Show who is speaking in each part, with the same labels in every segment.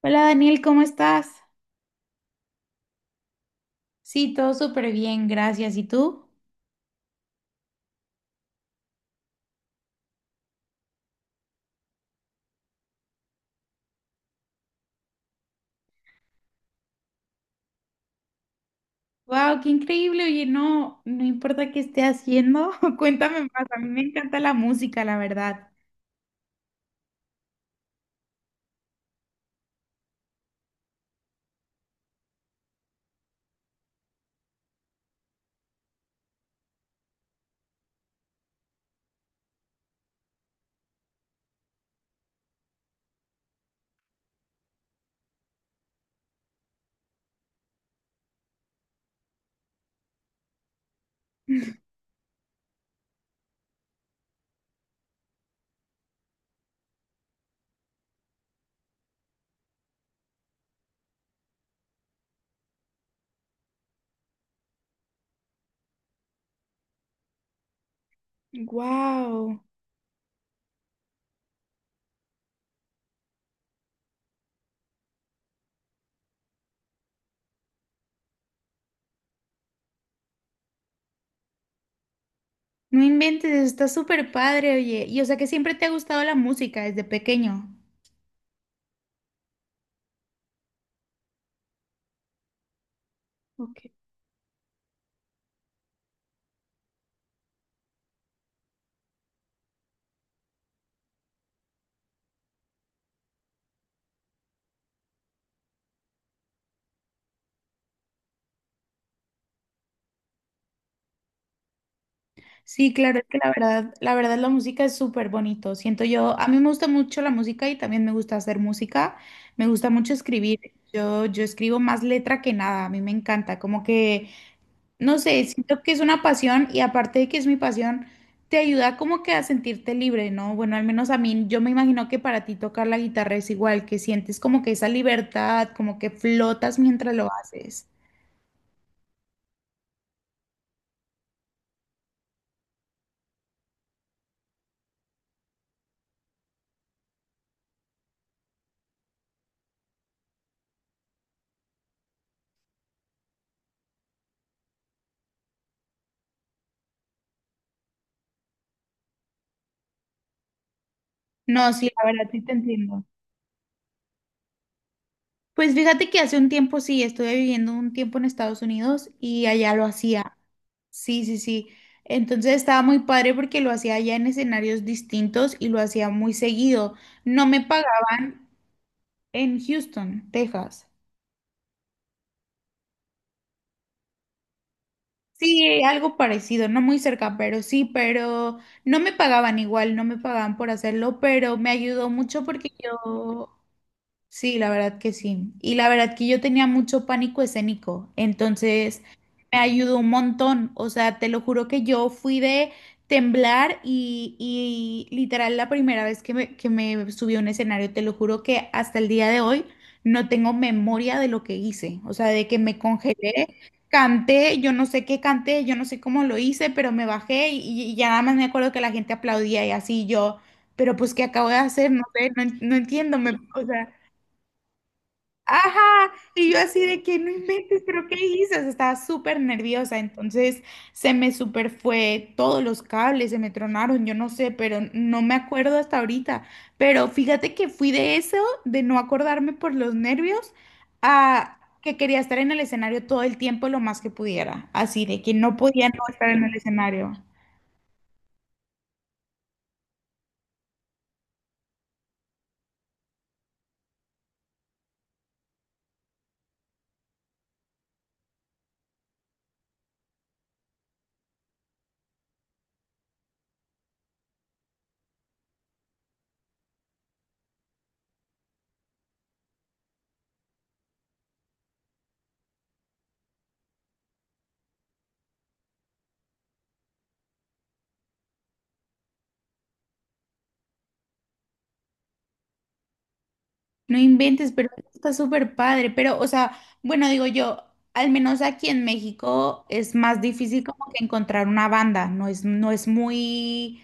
Speaker 1: Hola Daniel, ¿cómo estás? Sí, todo súper bien, gracias. ¿Y tú? Wow, qué increíble. Oye, no, no importa qué esté haciendo, cuéntame más. A mí me encanta la música, la verdad. Wow, no inventes, está súper padre, oye. Y o sea que siempre te ha gustado la música desde pequeño. Ok. Sí, claro, es que la verdad la música es súper bonito. Siento yo, a mí me gusta mucho la música y también me gusta hacer música. Me gusta mucho escribir. Yo escribo más letra que nada. A mí me encanta, como que no sé, siento que es una pasión y aparte de que es mi pasión, te ayuda como que a sentirte libre, ¿no? Bueno, al menos a mí, yo me imagino que para ti tocar la guitarra es igual, que sientes como que esa libertad, como que flotas mientras lo haces. No, sí, la verdad sí te entiendo. Pues fíjate que hace un tiempo sí, estuve viviendo un tiempo en Estados Unidos y allá lo hacía. Sí, sí, sí. Entonces estaba muy padre porque lo hacía allá en escenarios distintos y lo hacía muy seguido. No me pagaban en Houston, Texas. Sí, algo parecido, no muy cerca, pero sí, pero no me pagaban igual, no me pagaban por hacerlo, pero me ayudó mucho porque yo sí, la verdad que sí. Y la verdad que yo tenía mucho pánico escénico, entonces me ayudó un montón. O sea, te lo juro que yo fui de temblar y literal la primera vez que me subí a un escenario, te lo juro que hasta el día de hoy no tengo memoria de lo que hice. O sea, de que me congelé, canté, yo no sé qué canté, yo no sé cómo lo hice, pero me bajé y ya nada más me acuerdo que la gente aplaudía y así yo. Pero pues, ¿qué acabo de hacer? No sé, no, no entiendo. Me, o sea, ajá, y yo así de que no inventes, pero ¿qué dices? Estaba súper nerviosa, entonces se me super fue todos los cables, se me tronaron, yo no sé, pero no me acuerdo hasta ahorita. Pero fíjate que fui de eso, de no acordarme por los nervios, a que quería estar en el escenario todo el tiempo lo más que pudiera, así de que no podía no estar en el escenario. No inventes, pero está súper padre. Pero, o sea, bueno, digo yo, al menos aquí en México es más difícil como que encontrar una banda. No es muy,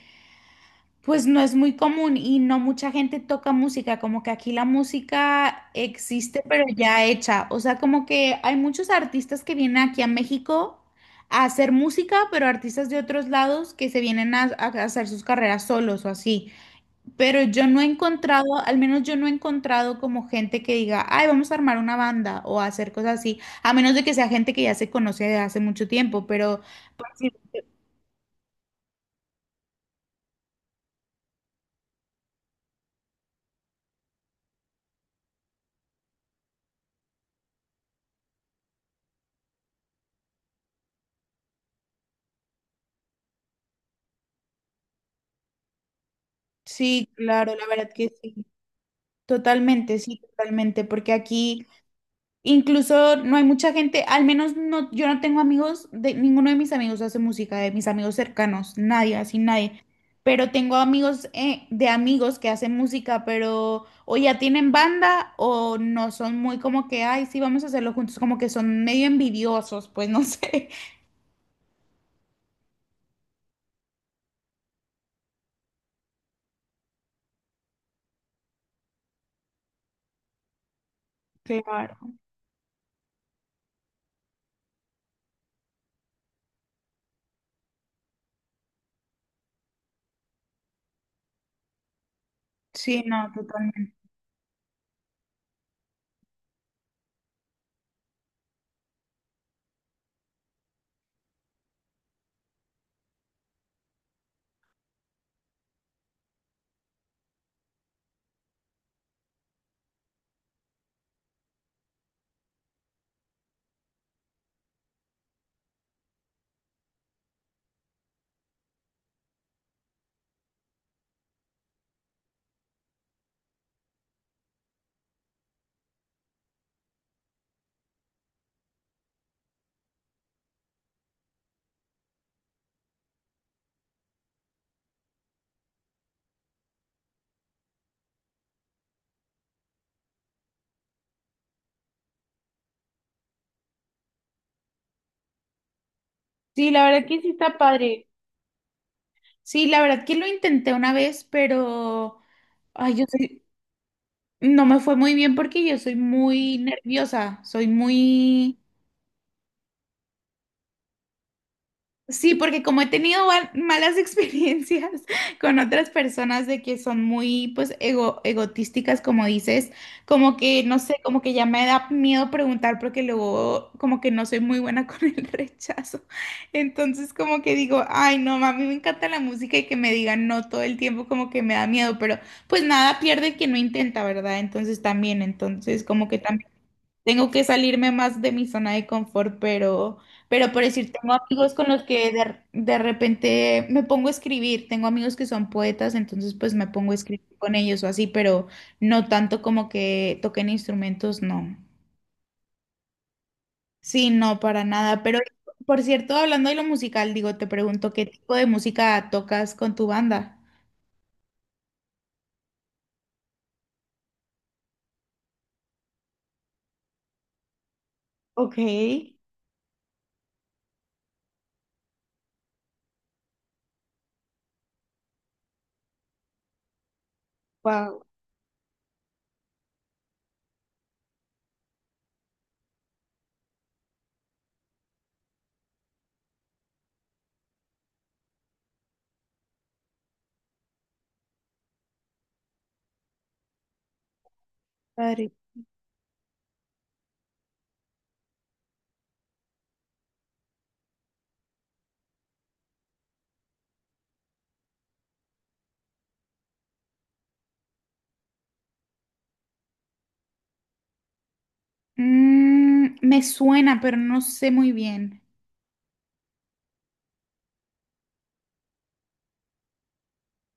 Speaker 1: pues no es muy común y no mucha gente toca música. Como que aquí la música existe, pero ya hecha. O sea, como que hay muchos artistas que vienen aquí a México a hacer música, pero artistas de otros lados que se vienen a hacer sus carreras solos o así. Pero yo no he encontrado, al menos yo no he encontrado como gente que diga, ay, vamos a armar una banda o a hacer cosas así, a menos de que sea gente que ya se conoce de hace mucho tiempo, pero sí, claro, la verdad que sí, totalmente, porque aquí incluso no hay mucha gente, al menos no, yo no tengo amigos, de, ninguno de mis amigos hace música, de mis amigos cercanos, nadie, así nadie. Pero tengo amigos de amigos que hacen música, pero o ya tienen banda o no son muy como que, ay, sí, vamos a hacerlo juntos, como que son medio envidiosos, pues no sé. Claro. Sí, no, totalmente. Sí, la verdad que sí está padre. Sí, la verdad que lo intenté una vez, pero, ay, yo soy, no me fue muy bien porque yo soy muy nerviosa, soy muy... Sí, porque como he tenido malas experiencias con otras personas de que son muy, pues, egotísticas, como dices, como que, no sé, como que ya me da miedo preguntar porque luego como que no soy muy buena con el rechazo. Entonces como que digo, ay, no, ma, a mí me encanta la música y que me digan no todo el tiempo como que me da miedo, pero pues nada pierde el que no intenta, ¿verdad? Entonces también, entonces como que... Tengo que salirme más de mi zona de confort, pero por decir, tengo amigos con los que de repente me pongo a escribir. Tengo amigos que son poetas, entonces pues me pongo a escribir con ellos o así, pero no tanto como que toquen instrumentos, no. Sí, no, para nada. Pero por cierto, hablando de lo musical, digo, te pregunto, ¿qué tipo de música tocas con tu banda? Ok, wow, padre. Mm, me suena, pero no sé muy bien.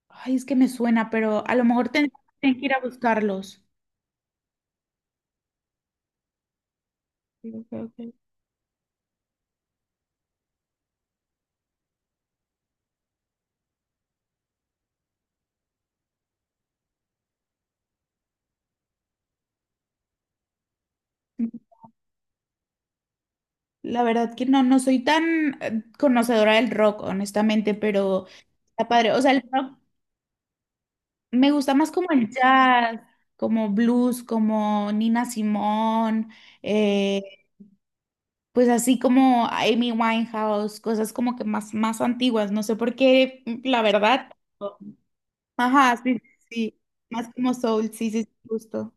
Speaker 1: Ay, es que me suena, pero a lo mejor tengo que ir a buscarlos. Sí, ok, ok. La verdad que no, no soy tan conocedora del rock, honestamente, pero está padre. O sea, el rock me gusta más como el jazz, como blues, como Nina Simone, eh, pues así como Amy Winehouse, cosas como que más, más antiguas. No sé por qué, mm, la verdad. Ajá, sí, sí, sí, más como soul, sí, sí, sí, justo.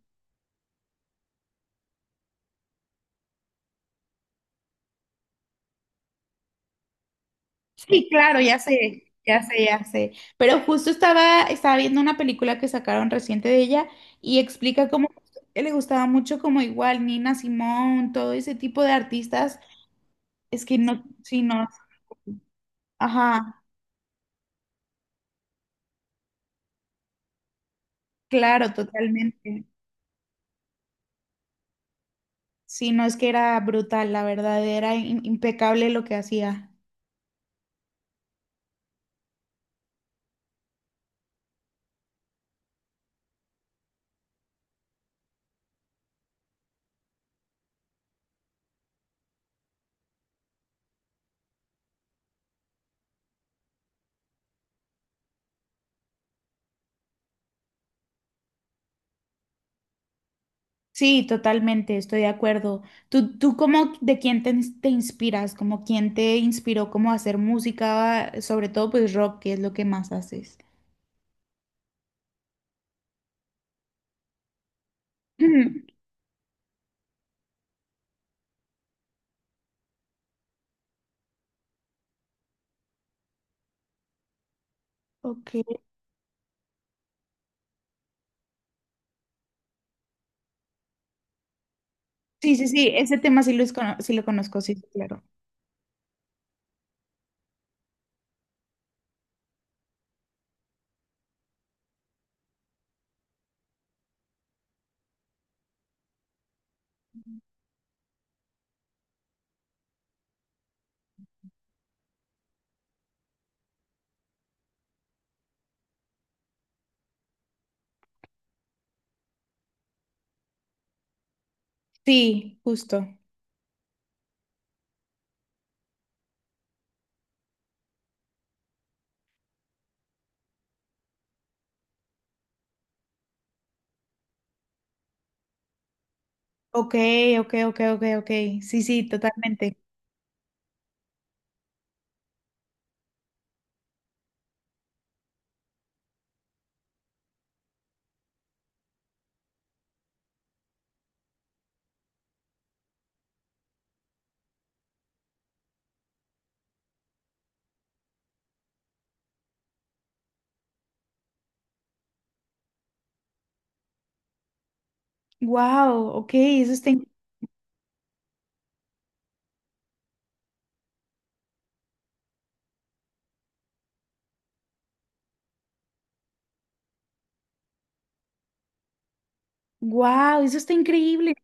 Speaker 1: Sí, claro, ya sé, ya sé, ya sé. Pero justo estaba viendo una película que sacaron reciente de ella y explica cómo que le gustaba mucho como igual Nina Simón, todo ese tipo de artistas. Es que no, sí, no, ajá, claro, totalmente. Sí, no es que era brutal, la verdad, era impecable lo que hacía. Sí, totalmente, estoy de acuerdo. ¿Tú cómo, de quién te, te inspiras? ¿Como quién te inspiró como a hacer música, sobre todo pues rock, que es lo que más haces? Ujú. Ok. Sí, sí, sí, ese tema sí lo, sí lo conozco, sí, sí, claro. Sí, justo. Ok, ok, ok, ok, ok. Sí, sí, totalmente. Wow, ok, eso está, wow, eso está increíble.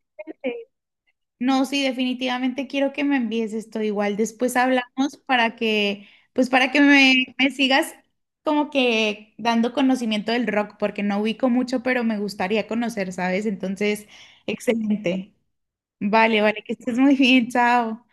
Speaker 1: No, sí, definitivamente quiero que me envíes esto. Igual después hablamos para que, pues para que me sigas como que dando conocimiento del rock, porque no ubico mucho, pero me gustaría conocer, ¿sabes? Entonces, excelente. Vale, vale, que estés muy bien, chao.